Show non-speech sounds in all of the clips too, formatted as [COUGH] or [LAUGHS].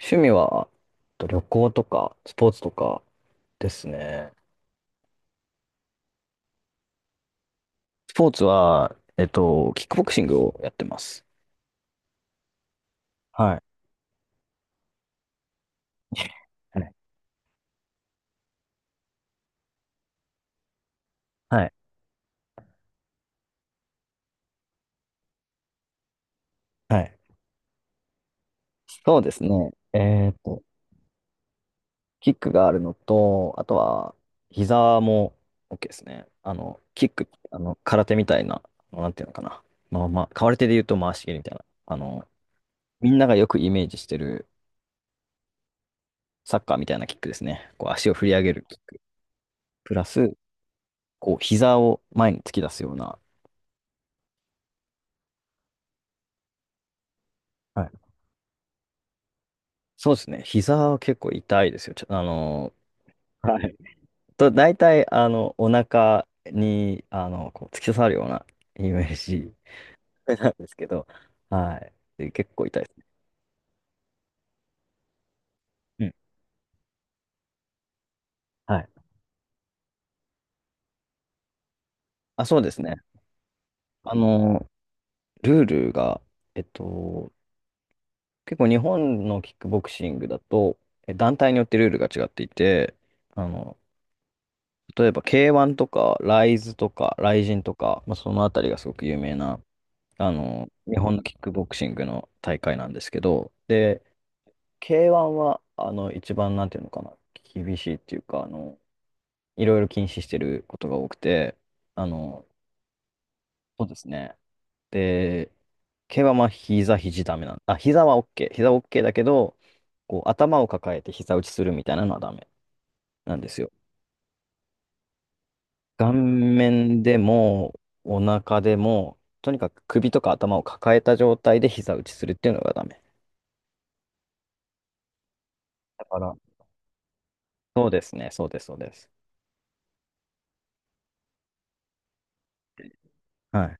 趣味は、旅行とか、スポーツとかですね。スポーツは、キックボクシングをやってます。はい。[LAUGHS] はい。はい。はいそうですね。キックがあるのと、あとは、膝も OK ですね。キック、空手みたいな、なんていうのかな。まあまあ、空手で言うと回し蹴りみたいな。みんながよくイメージしてるサッカーみたいなキックですね。こう、足を振り上げるキック。プラス、こう、膝を前に突き出すような、はい。そうですね。膝は結構痛いですよ。ちょ、あの、はい。と、大体、お腹に、こう、突き刺さるようなイメージなんですけど、はい。で、結構痛いです。うん。はい。あ、そうですね。あの、ルールが、えっと、結構日本のキックボクシングだと、団体によってルールが違っていて、あの、例えば K1 とか、ライズとか、ライジンとか、まあ、そのあたりがすごく有名な日本のキックボクシングの大会なんですけど、で、K1 は、一番、なんていうのかな、厳しいっていうか、いろいろ禁止してることが多くて、あの、そうですね。で、K1 はまあ膝、肘ダメなん、あ、膝は OK。膝は OK だけど、こう、頭を抱えて膝打ちするみたいなのはダメなんですよ。顔面でも、お腹でも、とにかく首とか頭を抱えた状態で膝打ちするっていうのがダメ。だから、そうですね、そうです、そうです。はい。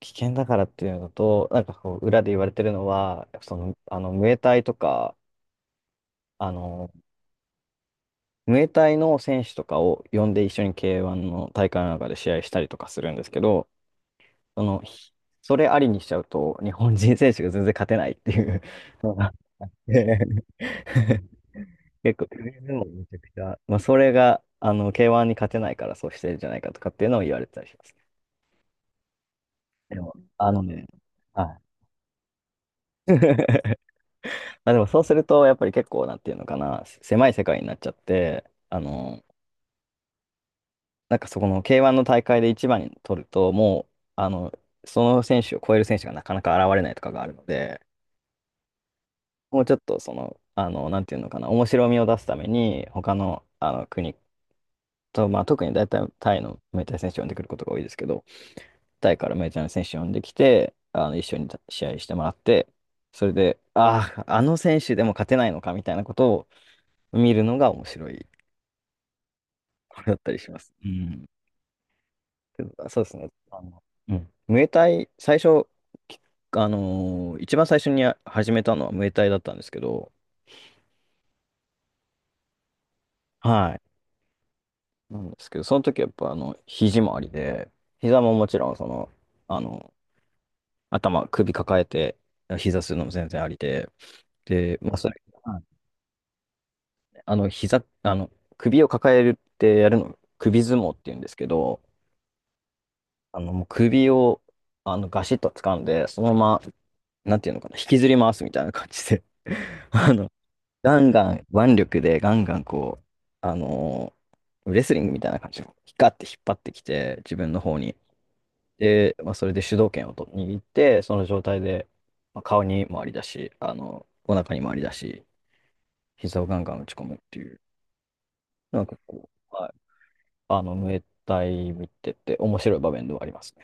危険だからっていうのと、なんかこう、裏で言われてるのは、その、ムエタイとか、あの、ムエタイの選手とかを呼んで一緒に K1 の大会の中で試合したりとかするんですけど、その、それありにしちゃうと、日本人選手が全然勝てないっていうのがあって [LAUGHS] 結構、でもめちゃくちゃ、まあ、それが、K1 に勝てないからそうしてるんじゃないかとかっていうのを言われてたりします。でも、あのね、はい。まあ、でもそうすると、やっぱり結構、なんていうのかな、狭い世界になっちゃって、あの、なんかそこの K1 の大会で一番に取ると、もう、あの、その選手を超える選手がなかなか現れないとかがあるので、もうちょっとその、なんていうのかな、面白みを出すために、他の、国と、まあ、特に大体タイのメジャー選手を呼んでくることが多いですけど、タイからメジャーの選手を呼んできて、一緒に試合してもらって、それで、ああ、あの選手でも勝てないのかみたいなことを見るのが面白い。これだったりします。うん。けどそうですね。うんムエタイ、最初、き一番最初に始めたのはムエタイだったんですけど、はい。なんですけど、その時やっぱ肘もありで、膝ももちろんその、あの、頭、首抱えて、膝するのも全然ありで、で、まあ、それ、はい。膝、首を抱えるってやるの、首相撲って言うんですけど、もう首を、ガシッと掴んで、そのままなんていうのかな、引きずり回すみたいな感じで [LAUGHS] あの、ガンガン腕力でガンガンこう、あのレスリングみたいな感じで、ヒカって引っ張ってきて、自分の方に。で、まあ、それで主導権をと握って、その状態で、まあ、顔に回りだし、お腹に回りだし、膝をガンガン打ち込むっていう、なんかこう、はい、ムエタイ見てて面白い場面ではあります。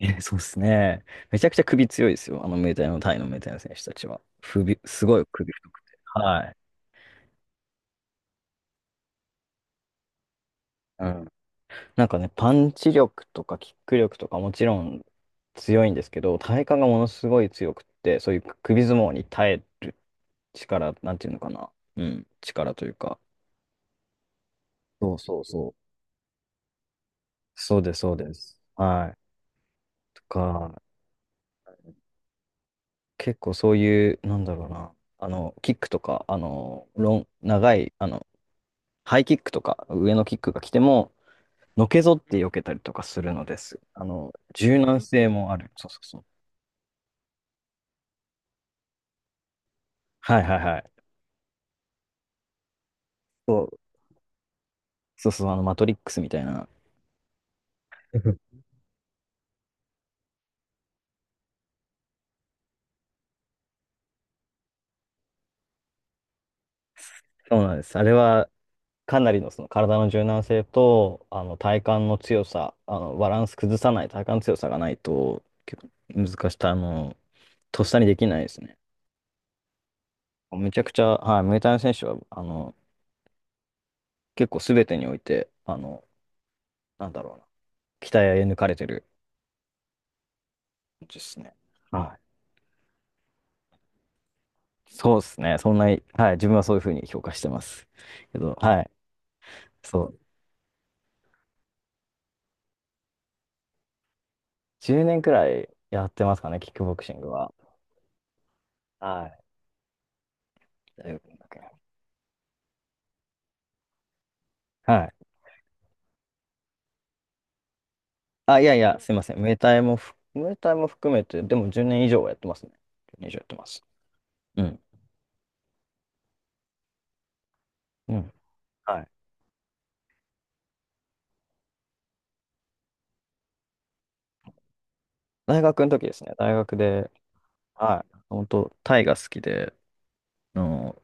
え、そうですね。めちゃくちゃ首強いですよ。あのメタイの、タイのムエタイの選手たちは。首、すごい首太くて。はい。うん。なんかね、パンチ力とかキック力とかもちろん強いんですけど、体幹がものすごい強くって、そういう首相撲に耐える力、なんていうのかな。うん。力というか。そうそうそう。そうです、そうです。はい。とか、結構そういう、なんだろうな。キックとか、長い、ハイキックとか、上のキックが来ても、のけぞって避けたりとかするのです。柔軟性もある。そうそうそう。はいはいはい。そうそうそう、マトリックスみたいな。[LAUGHS] そうなんです。あれは、かなりのその体の柔軟性と、体幹の強さ、バランス崩さない体幹の強さがないと、結構難しい、とっさにできないですね。めちゃくちゃ、はい、ムエタイの選手は、結構すべてにおいて、なんだろうな、鍛え抜かれてるですね。はいそうですね。そんなに、はい、自分はそういうふうに評価してます。けど、はい、そう。10年くらいやってますかね、キックボクシングは。はい。大学の。はい。あ、いやいや、すいません。ムエタイも含めて、でも10年以上はやってますね。1年以上やってます。うん。うん。はい。大学の時ですね。大学で、はい。本当タイが好きで、あの、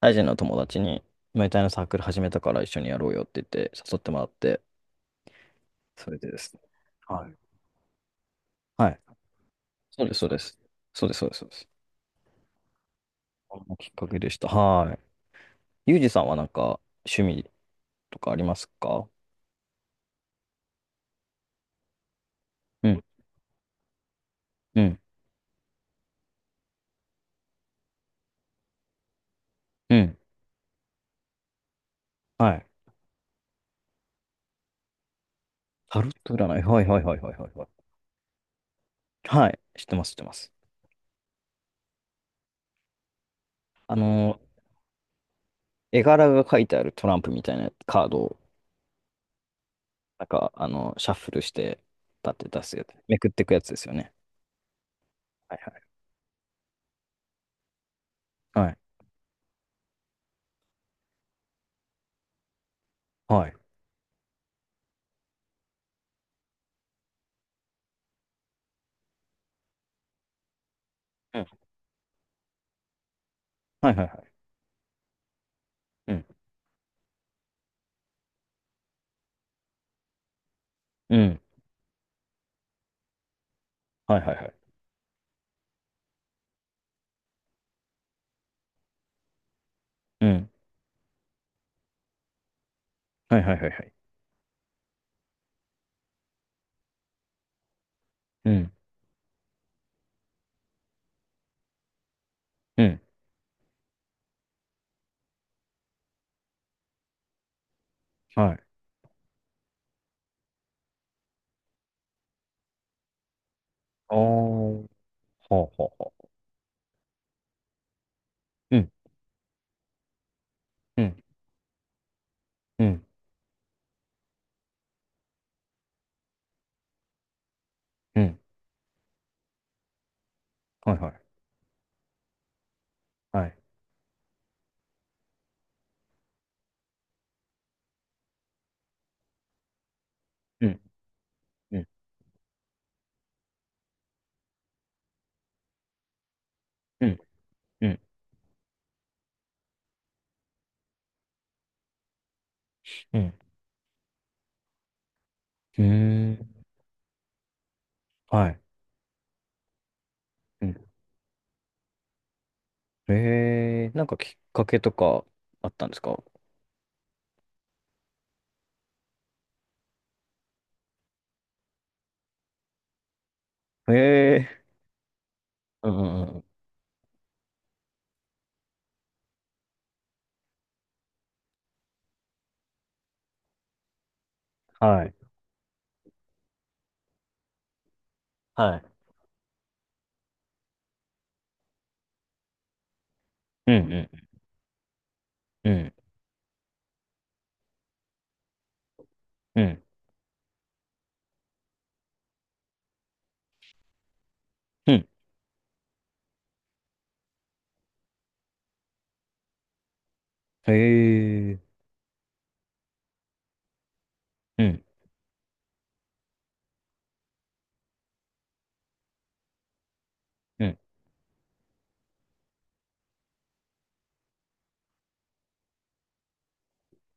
タイ人の友達に、ムエタイのサークル始めたから一緒にやろうよって言って、誘ってもらって、それでですね。はい。はいそうです、そうです。そうです、そうです、そうです。このきっかけでした。はい。ユージさんはなんか趣味とかありますか？うん、うん、うん。はい。タロット占い。はい、はい、はい、はい、はい。はい、はい知ってます、知ってます。あの絵柄が書いてあるトランプみたいなカードを、なんか、シャッフルして、立って出すやつ、めくっていくやつですよね。はいはい。はい。はい。うん。はいはいはい。うん。うん。はいはいはい。うん。はいはいはいはい。うん。うん。はい。ああ。はうはうはうん。うん。うん、うん、はいはい、はい。うん、うん、うん、うん、うん、うーん、はい。うん。なんかきっかけとかあったんですか？えー、うん、うん、うん、はい、はい。うん、うん、うん、うん、うん。えー、うん、うん、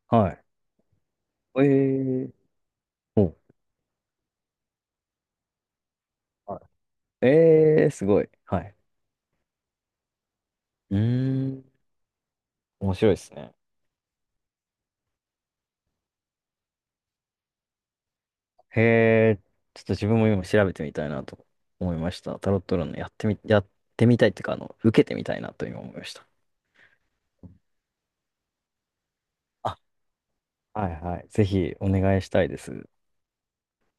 はい。えー、お、はい。えー、すごい。はい。うーん、面白いですね。へえ、ちょっと自分も今調べてみたいなと思いました。タロット占いやってみたいっていうか、受けてみたいなと今思いました。あ、はいはい。ぜひお願いしたいです。